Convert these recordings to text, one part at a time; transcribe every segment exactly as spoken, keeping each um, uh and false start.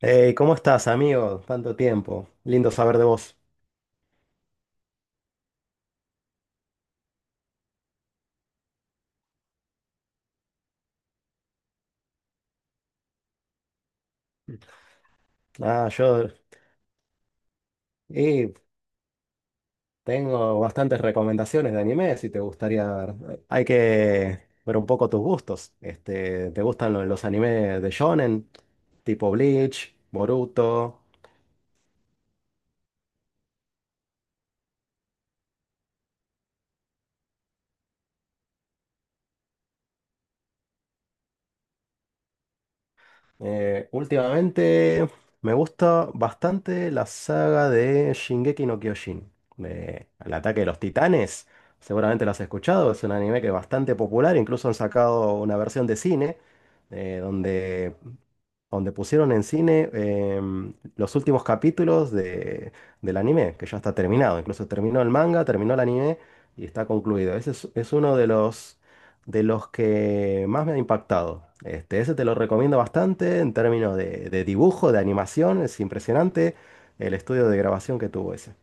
Hey, ¿cómo estás, amigo? Tanto tiempo. Lindo saber de vos. Ah, yo y tengo bastantes recomendaciones de anime si te gustaría ver. Hay que ver un poco tus gustos. Este, ¿te gustan lo- los animes de shonen? Tipo Bleach, Boruto. Eh, últimamente me gusta bastante la saga de Shingeki no Kyojin, de El ataque de los titanes. Seguramente lo has escuchado, es un anime que es bastante popular, incluso han sacado una versión de cine, eh, donde donde pusieron en cine em, los últimos capítulos de, del anime, que ya está terminado. Incluso terminó el manga, terminó el anime y está concluido. Ese es, es uno de los, de los que más me ha impactado. Este, ese te lo recomiendo bastante en términos de, de dibujo, de animación. Es impresionante el estudio de grabación que tuvo ese.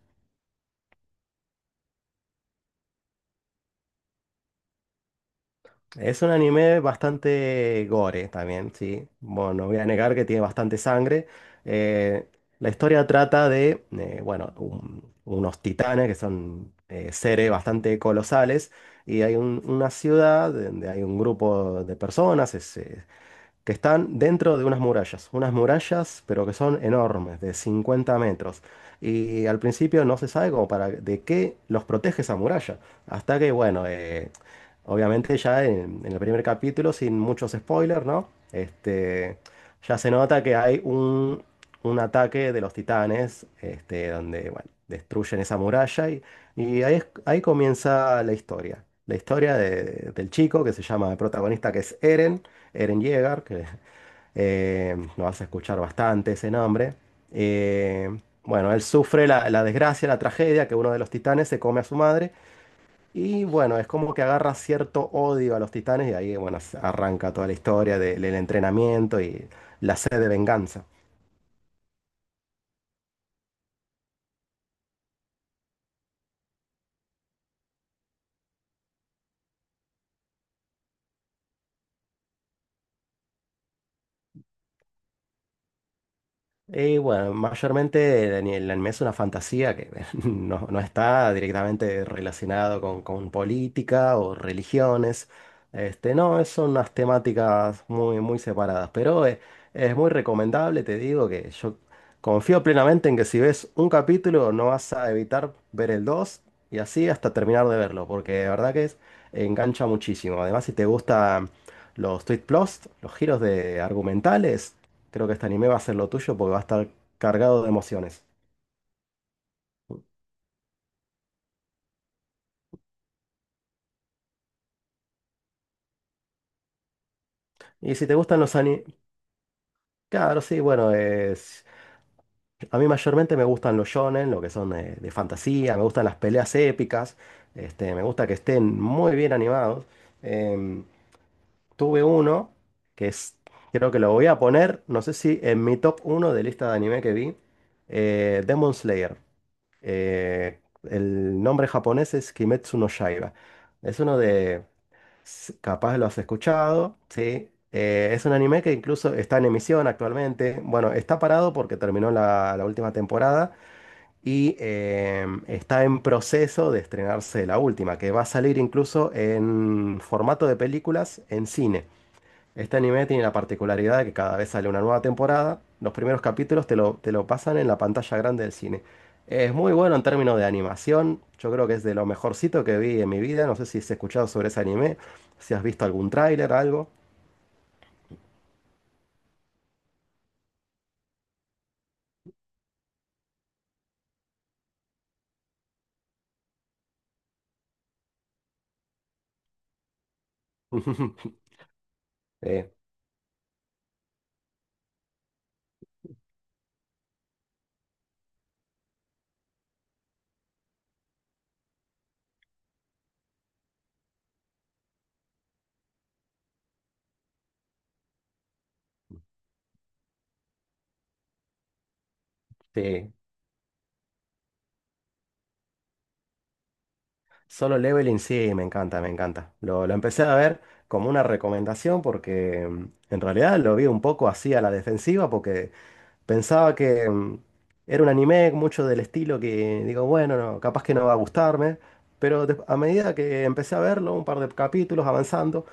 Es un anime bastante gore también, sí. Bueno, no voy a negar que tiene bastante sangre. Eh, la historia trata de, eh, bueno, un- unos titanes que son eh, seres bastante colosales y hay un- una ciudad donde hay un grupo de personas que están dentro de unas murallas, unas murallas pero que son enormes, de cincuenta metros. Y al principio no se sabe como para de qué los protege esa muralla, hasta que, bueno, eh, obviamente ya en, en el primer capítulo, sin muchos spoilers, ¿no? Este, ya se nota que hay un, un ataque de los titanes, este, donde, bueno, destruyen esa muralla y, y ahí, es- ahí comienza la historia. La historia de- del chico que se llama el protagonista, que es Eren. Eren Yeager, que eh, lo vas a escuchar bastante ese nombre. Eh, bueno, él sufre la, la desgracia, la tragedia, que uno de los titanes se come a su madre. Y bueno, es como que agarra cierto odio a los titanes y ahí, bueno, se arranca toda la historia de- del entrenamiento y la sed de venganza. Y bueno, mayormente el, el anime es una fantasía que no, no está directamente relacionado con, con política o religiones. Este, no, es- son unas temáticas muy, muy separadas, pero eh, es, muy recomendable, te digo que yo confío plenamente en que si ves un capítulo no vas a evitar ver el dos y así hasta terminar de verlo, porque de verdad que es, engancha muchísimo. Además, si te gustan los twist plots, los giros de argumentales. Creo que este anime va a ser lo tuyo porque va a estar cargado de emociones. Y si te gustan los animes, claro, sí, bueno, es... A mí mayormente me gustan los shonen, lo que son de, de fantasía, me gustan las peleas épicas, este, me gusta que estén muy bien animados. Em, Tuve uno que es, creo que lo voy a poner, no sé si en mi top uno de lista de anime que vi, eh, Demon Slayer. Eh, el nombre japonés es Kimetsu no Yaiba. Es uno de, S- Capaz lo has escuchado, ¿sí? Eh, es un anime que incluso está en emisión actualmente. Bueno, está parado porque terminó la, la última temporada y eh, está en proceso de estrenarse la última, que va a salir incluso en formato de películas en cine. Este anime tiene la particularidad de que cada vez sale una nueva temporada, los primeros capítulos te lo, te lo pasan en la pantalla grande del cine. Es muy bueno en términos de animación, yo creo que es de lo mejorcito que vi en mi vida, no sé si has escuchado sobre ese anime, si has visto algún tráiler, algo. Eh, sí, Solo Leveling sí, me encanta, me encanta. Lo, lo empecé a ver como una recomendación porque mm, en realidad lo vi un poco así a la defensiva porque pensaba que mm, era un anime mucho del estilo que digo, bueno, no, capaz que no va a gustarme, pero de- a medida que empecé a verlo, un par de capítulos avanzando,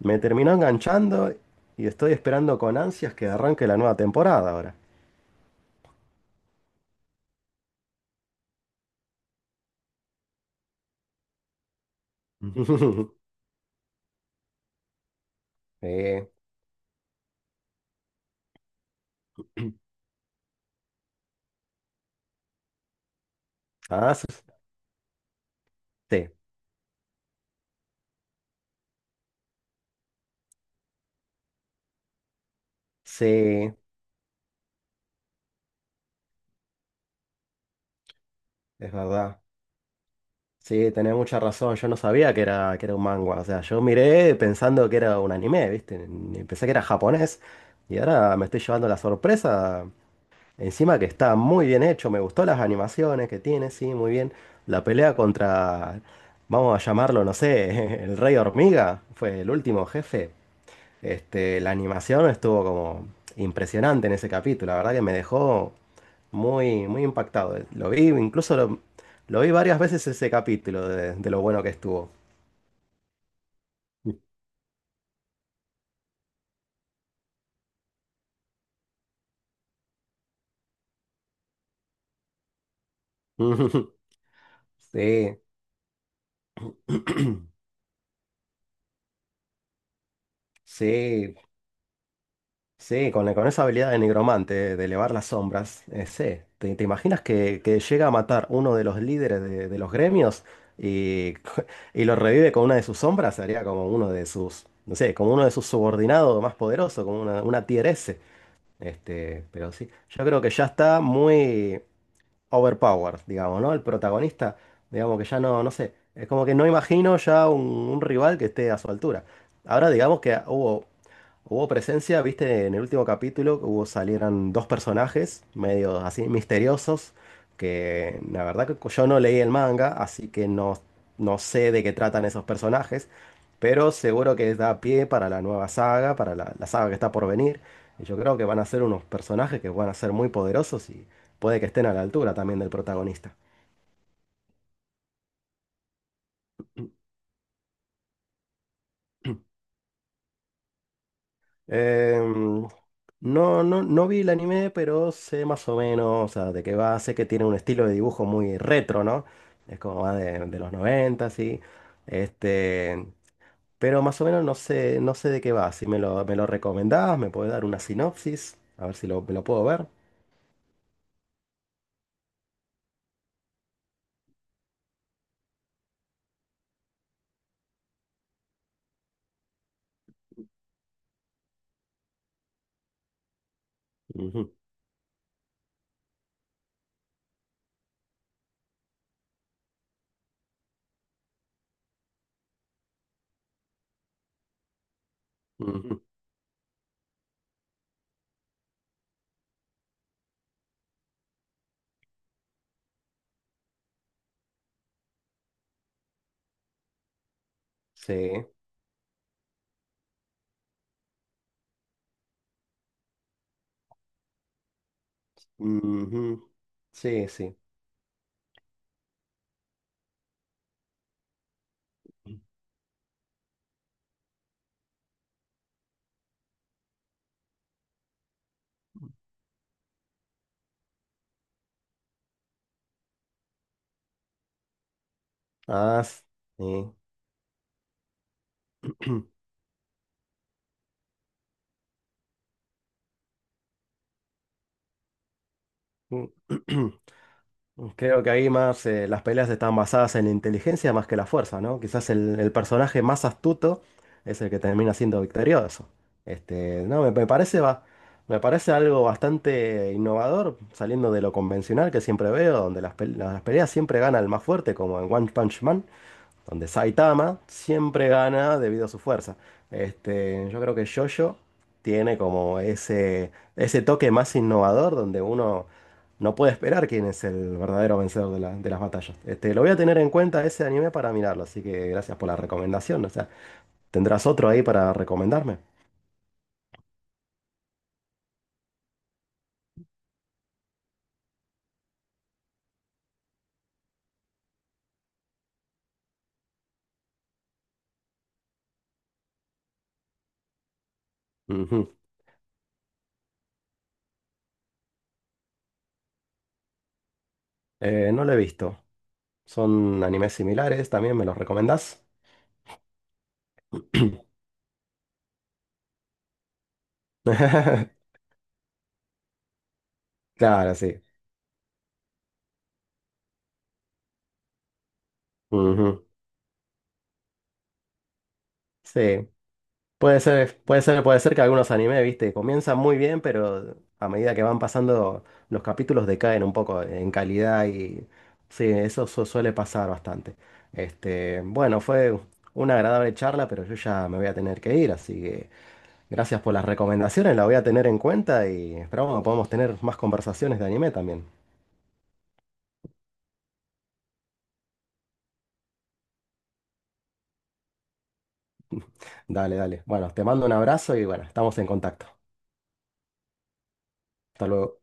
me terminó enganchando y estoy esperando con ansias que arranque la nueva temporada ahora. Eh, ah, sí, sí, sí, es verdad. Sí, tenés mucha razón. Yo no sabía que era, que era un manga. O sea, yo miré pensando que era un anime, ¿viste? Ni- Pensé que era japonés. Y ahora me estoy llevando la sorpresa. Encima que está muy bien hecho, me gustó las animaciones que tiene, sí, muy bien. La pelea contra, vamos a llamarlo, no sé, el Rey Hormiga, fue el último jefe. Este, la animación estuvo como impresionante en ese capítulo, la verdad que me dejó muy, muy impactado. Lo vi, incluso lo, lo vi varias veces ese capítulo de, de lo bueno que estuvo. Sí, sí. Sí, con, con esa habilidad de nigromante, de elevar las sombras, eh, sí. ¿Te, te imaginas que, que llega a matar uno de los líderes de, de los gremios y, y lo revive con una de sus sombras? Sería como uno de sus, no sé, como uno de sus subordinados más poderosos, como una, una tier S. Este, pero sí, yo creo que ya está muy, overpowered, digamos, ¿no? El protagonista, digamos que ya no, no sé, es como que no imagino ya un, un rival que esté a su altura. Ahora digamos que hubo, hubo presencia, viste, en el último capítulo hubo, salieron dos personajes medio así misteriosos, que la verdad que yo no leí el manga, así que no, no sé de qué tratan esos personajes, pero seguro que da pie para la nueva saga, para la, la saga que está por venir. Y yo creo que van a ser unos personajes que van a ser muy poderosos, puede que estén a la altura también del protagonista. Em, no, no, no vi el anime, pero sé más o menos, o sea, de qué va, sé que tiene un estilo de dibujo muy retro, ¿no? Es como más de, de los noventa sí. Este, pero más o menos no sé, no sé de qué va. Si me lo, me lo recomendás, me puedes dar una sinopsis, a ver si lo, me lo puedo ver. Ujú, ujú, sí. Ujú, sí, sí. Ah, sí. Creo que ahí más eh, las peleas están basadas en la inteligencia más que la fuerza, ¿no? Quizás el, el personaje más astuto es el que termina siendo victorioso. Este, no, me, me parece va, me parece algo bastante innovador, saliendo de lo convencional que siempre veo, donde las, pel- las peleas siempre gana el más fuerte, como en One Punch Man donde Saitama siempre gana debido a su fuerza. Este, yo creo que JoJo tiene como ese, ese toque más innovador donde uno no puede esperar quién es el verdadero vencedor de, la- de las batallas. Este, lo voy a tener en cuenta ese anime para mirarlo, así que gracias por la recomendación. O sea, ¿tendrás otro ahí para recomendarme? Ujú. Eh, no lo he visto. Son animes similares, también me los recomendás. Claro, sí. Ujú. Sí. Puede ser, puede ser, puede ser que algunos animes, viste, comienzan muy bien, pero a medida que van pasando los capítulos decaen un poco en calidad y sí, eso su- suele pasar bastante. Este, bueno, fue una agradable charla, pero yo ya me voy a tener que ir, así que gracias por las recomendaciones, la voy a tener en cuenta y esperamos que podamos tener más conversaciones de anime también. Dale, dale. Bueno, te mando un abrazo y bueno, estamos en contacto. Hasta luego.